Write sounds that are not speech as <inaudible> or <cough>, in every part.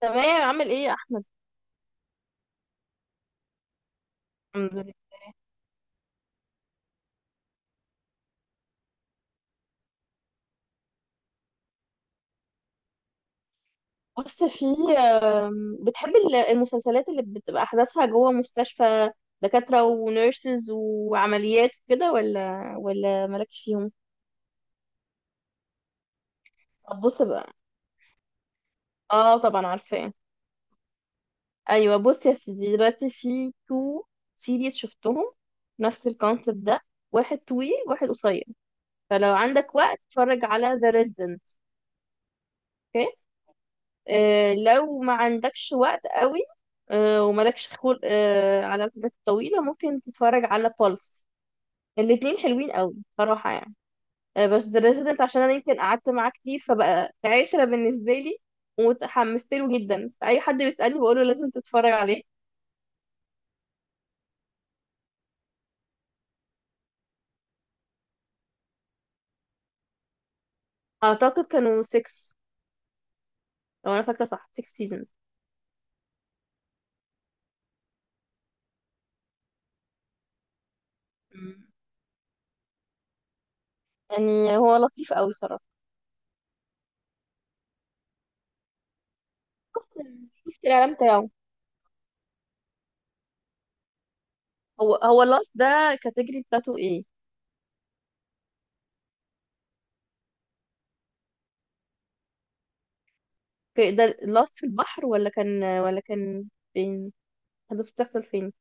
تمام، عامل ايه يا احمد؟ الحمد لله. بص، في بتحب المسلسلات اللي بتبقى احداثها جوه مستشفى؟ دكاترة ونيرسز وعمليات وكده، ولا مالكش فيهم؟ طب بص بقى. اه، طبعا عارفاه. ايوه، بص يا سيدي، دلوقتي في تو سيريز شفتهم، نفس الكونسيبت ده. واحد طويل واحد قصير. فلو عندك وقت اتفرج على ذا ريزيدنت. لو ما عندكش وقت قوي ومالكش خلق على الحاجات الطويلة ممكن تتفرج على بالس. الاتنين حلوين قوي صراحة يعني. بس The Resident عشان أنا يمكن قعدت معاه كتير فبقى عشرة بالنسبة لي، ومتحمست له جدا، أي حد بيسألني بقوله لازم تتفرج عليه. أعتقد كانوا 6، لو أنا فاكرة صح، 6 سيزونز. يعني هو لطيف قوي صراحة. شفت شفت الإعلان بتاعه؟ هو لاست ده كاتيجري بتاعته ايه؟ في ده لاست في البحر ولا كان فين؟ الحدث بتحصل فين؟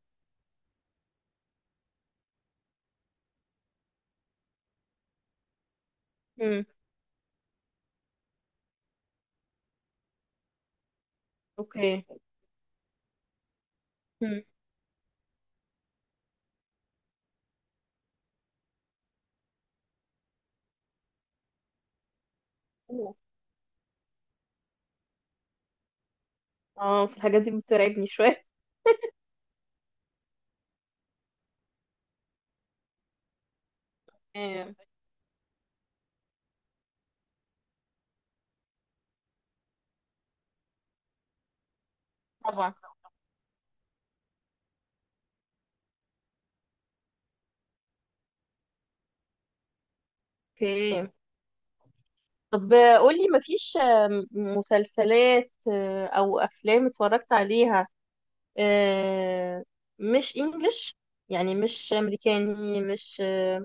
امم. اوكي. امم. اه بس الحاجات دي بترعبني شويه. ايه طبعا. اوكي. طب قولي، مفيش مسلسلات او افلام اتفرجت عليها آه، مش انجلش؟ يعني مش امريكاني، مش.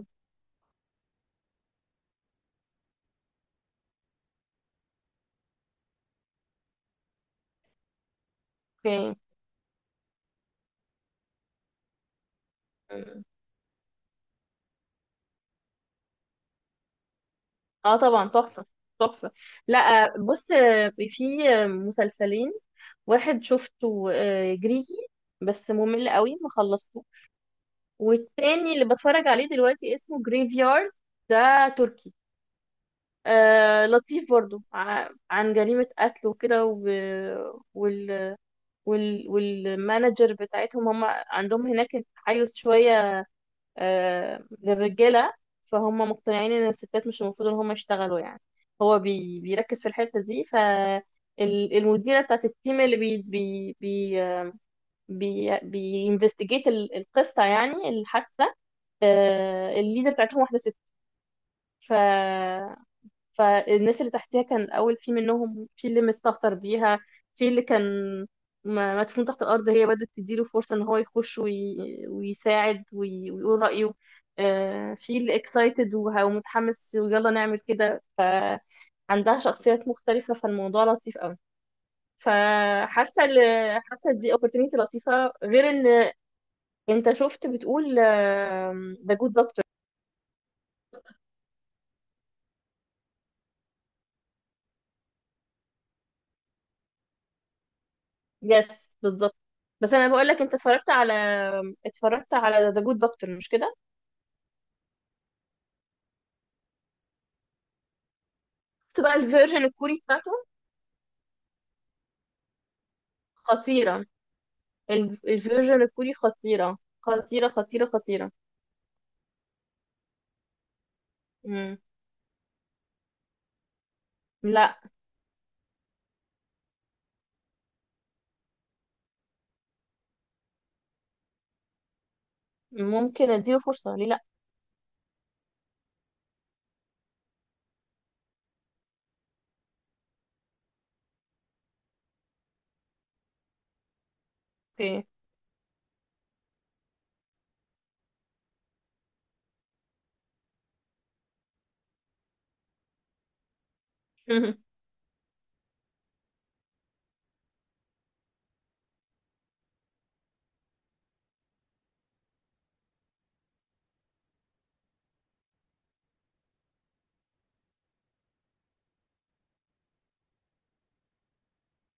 اوكي. اه طبعا، تحفة. تحفة. لا بص، في مسلسلين. واحد شفته جريكي، بس ممل قوي، ما خلصته. والتاني اللي بتفرج عليه دلوقتي اسمه جريفيارد، ده تركي. آه لطيف برضو، عن جريمة قتل وكده، والمانجر بتاعتهم، هم عندهم هناك تحيز شوية للرجالة. فهم مقتنعين ان الستات مش المفروض ان هم يشتغلوا يعني. هو بيركز في الحتة دي. فالمديرة بتاعت التيم اللي بي بي بي بي بينفستيجيت القصة، يعني الحادثة. الليدر بتاعتهم واحدة ست. فالناس اللي تحتها كان الأول في منهم في اللي مستهتر بيها، في اللي كان مدفون تحت الأرض. هي بدأت تديله فرصة إن هو يخش ويساعد ويقول رأيه. في اللي اكسايتد ومتحمس ويلا نعمل كده، فعندها شخصيات مختلفة، فالموضوع لطيف قوي. فحاسة حاسة دي opportunity لطيفة، غير إن أنت شفت، بتقول ده good doctor. يس، بالظبط. بس انا بقول لك، انت اتفرجت على ذا جود دكتور، مش كده؟ شفت بقى الفيرجن الكوري بتاعته؟ خطيره. الفيرجن الكوري خطيره خطيره خطيره خطيره. مم. لا. ممكن اديله فرصه، ليه لا. اوكي. <laughs>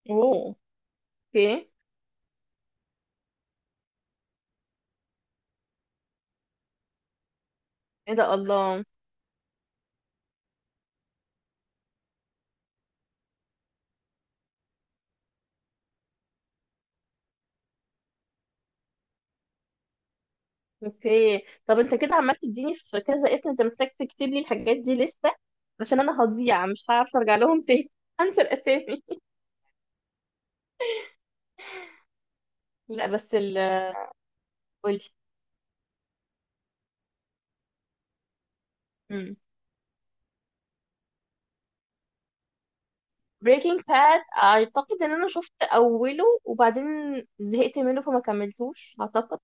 اوه. اوكي. ايه ده، الله. اوكي. طب انت كده عمال تديني في كذا اسم، انت محتاج تكتب لي الحاجات دي لسه عشان انا هضيع، مش هعرف ارجع لهم تاني، <laughs> هنسى الاسامي. لا بس قولي. بريكنج باد اعتقد ان انا شفت اوله وبعدين زهقت منه، فما كملتوش، اعتقد.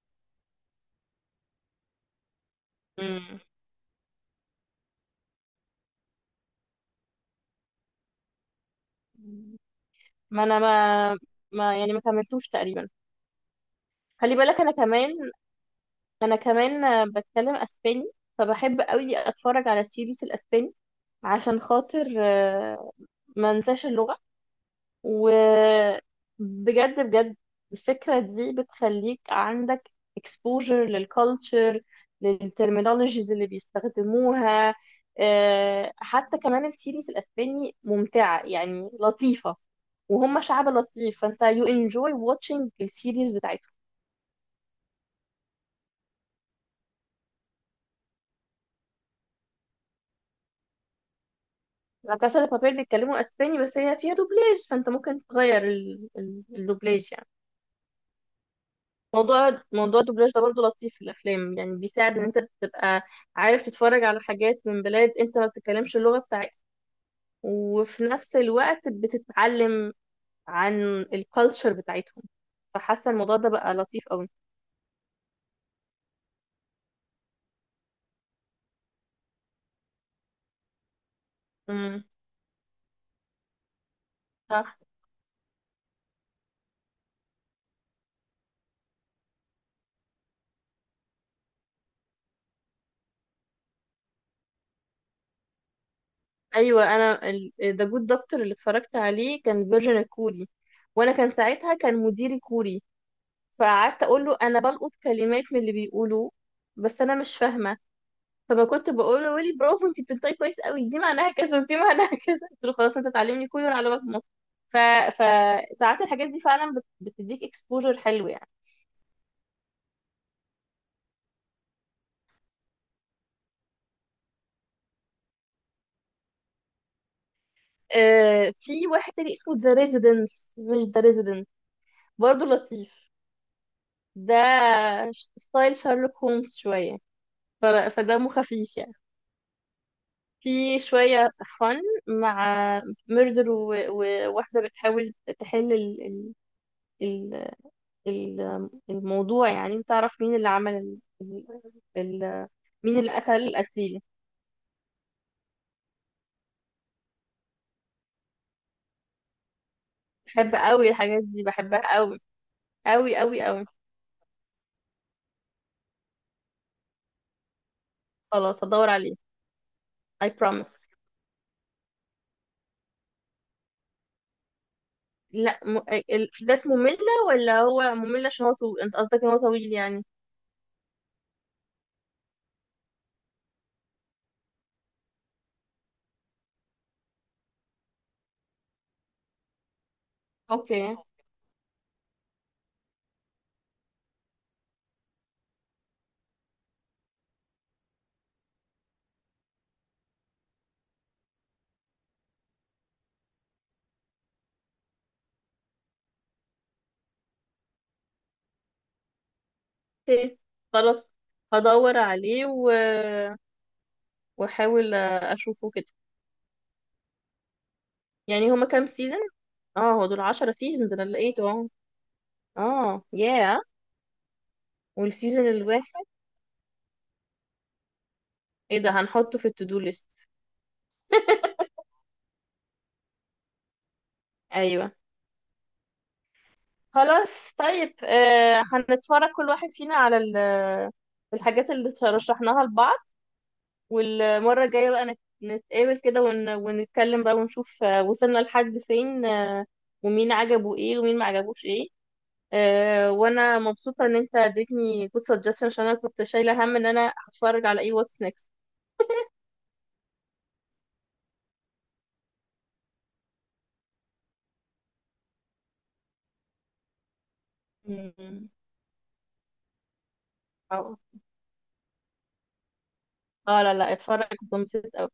مم. ما انا ما ما يعني، ما كملتوش تقريبا. خلي بالك انا كمان. انا كمان بتكلم اسباني، فبحب قوي اتفرج على السيريس الاسباني، عشان خاطر ما انساش اللغة. وبجد، بجد الفكرة دي بتخليك عندك exposure للكالتشر، للترمينولوجيز اللي بيستخدموها. حتى كمان السيريز الأسباني ممتعة، يعني لطيفة. وهم شعب لطيف، فانت you enjoy watching السيريز بتاعتهم. لا كاسا دي بابيل بيتكلموا اسباني، بس هي فيها دوبلاج، فانت ممكن تغير الدوبلاج يعني. موضوع الدوبلاج ده برضه لطيف في الافلام، يعني بيساعد ان انت تبقى عارف تتفرج على حاجات من بلاد انت ما بتتكلمش اللغه بتاعتها، وفي نفس الوقت بتتعلم عن الكالتشر بتاعتهم. فحاسه الموضوع ده بقى لطيف قوي. امم. صح. ايوه، انا ذا جود دكتور اللي اتفرجت عليه كان فيرجن كوري، وانا كان ساعتها كان مديري كوري، فقعدت اقول له انا بلقط كلمات من اللي بيقولوه بس انا مش فاهمه. فكنت بقول له، ويلي، برافو، انت بتنطقي كويس قوي، دي معناها كذا ودي معناها <laughs> كذا. قلت له خلاص، انت تعلمني كوري وانا علمك مصر. ف... فساعات الحاجات دي فعلا بتديك اكسبوجر حلو يعني. آه، في واحد تاني اسمه ذا ريزيدنس، مش ذا ريزيدنت، برضه لطيف. ده ستايل شارلوك هومز شوية، فدمه خفيف يعني. في شوية فن مع ميردر، وواحدة بتحاول تحل ال... الموضوع. يعني انت تعرف مين اللي عمل ال- مين اللي قتل القتيل. بحب قوي الحاجات دي، بحبها قوي قوي قوي قوي. خلاص، هدور عليه. I promise. لا، الاحداث مملة، ولا هو ممل عشان هو طويل؟ انت قصدك ان هو طويل يعني؟ اوكي. اوكي، خلاص، هدور عليه واحاول اشوفه كده. يعني هما كام سيزون؟ اه، هو دول 10 سيزون؟ ده انا لقيته اهو. اه ياه. والسيزون الواحد، ايه ده؟ هنحطه في التو دو ليست. ايوه. خلاص طيب، آه، هنتفرج كل واحد فينا على الحاجات اللي رشحناها لبعض، والمرة الجاية بقى نتقابل كده ونتكلم بقى ونشوف وصلنا لحد فين، ومين عجبه ايه ومين ما عجبوش ايه. آه، وانا مبسوطة ان انت اديتني good suggestion عشان انا كنت شايلة هم ان انا هتفرج على ايه، واتس نيكست. اه لا لا، اتفرج، اتبسطت أوي.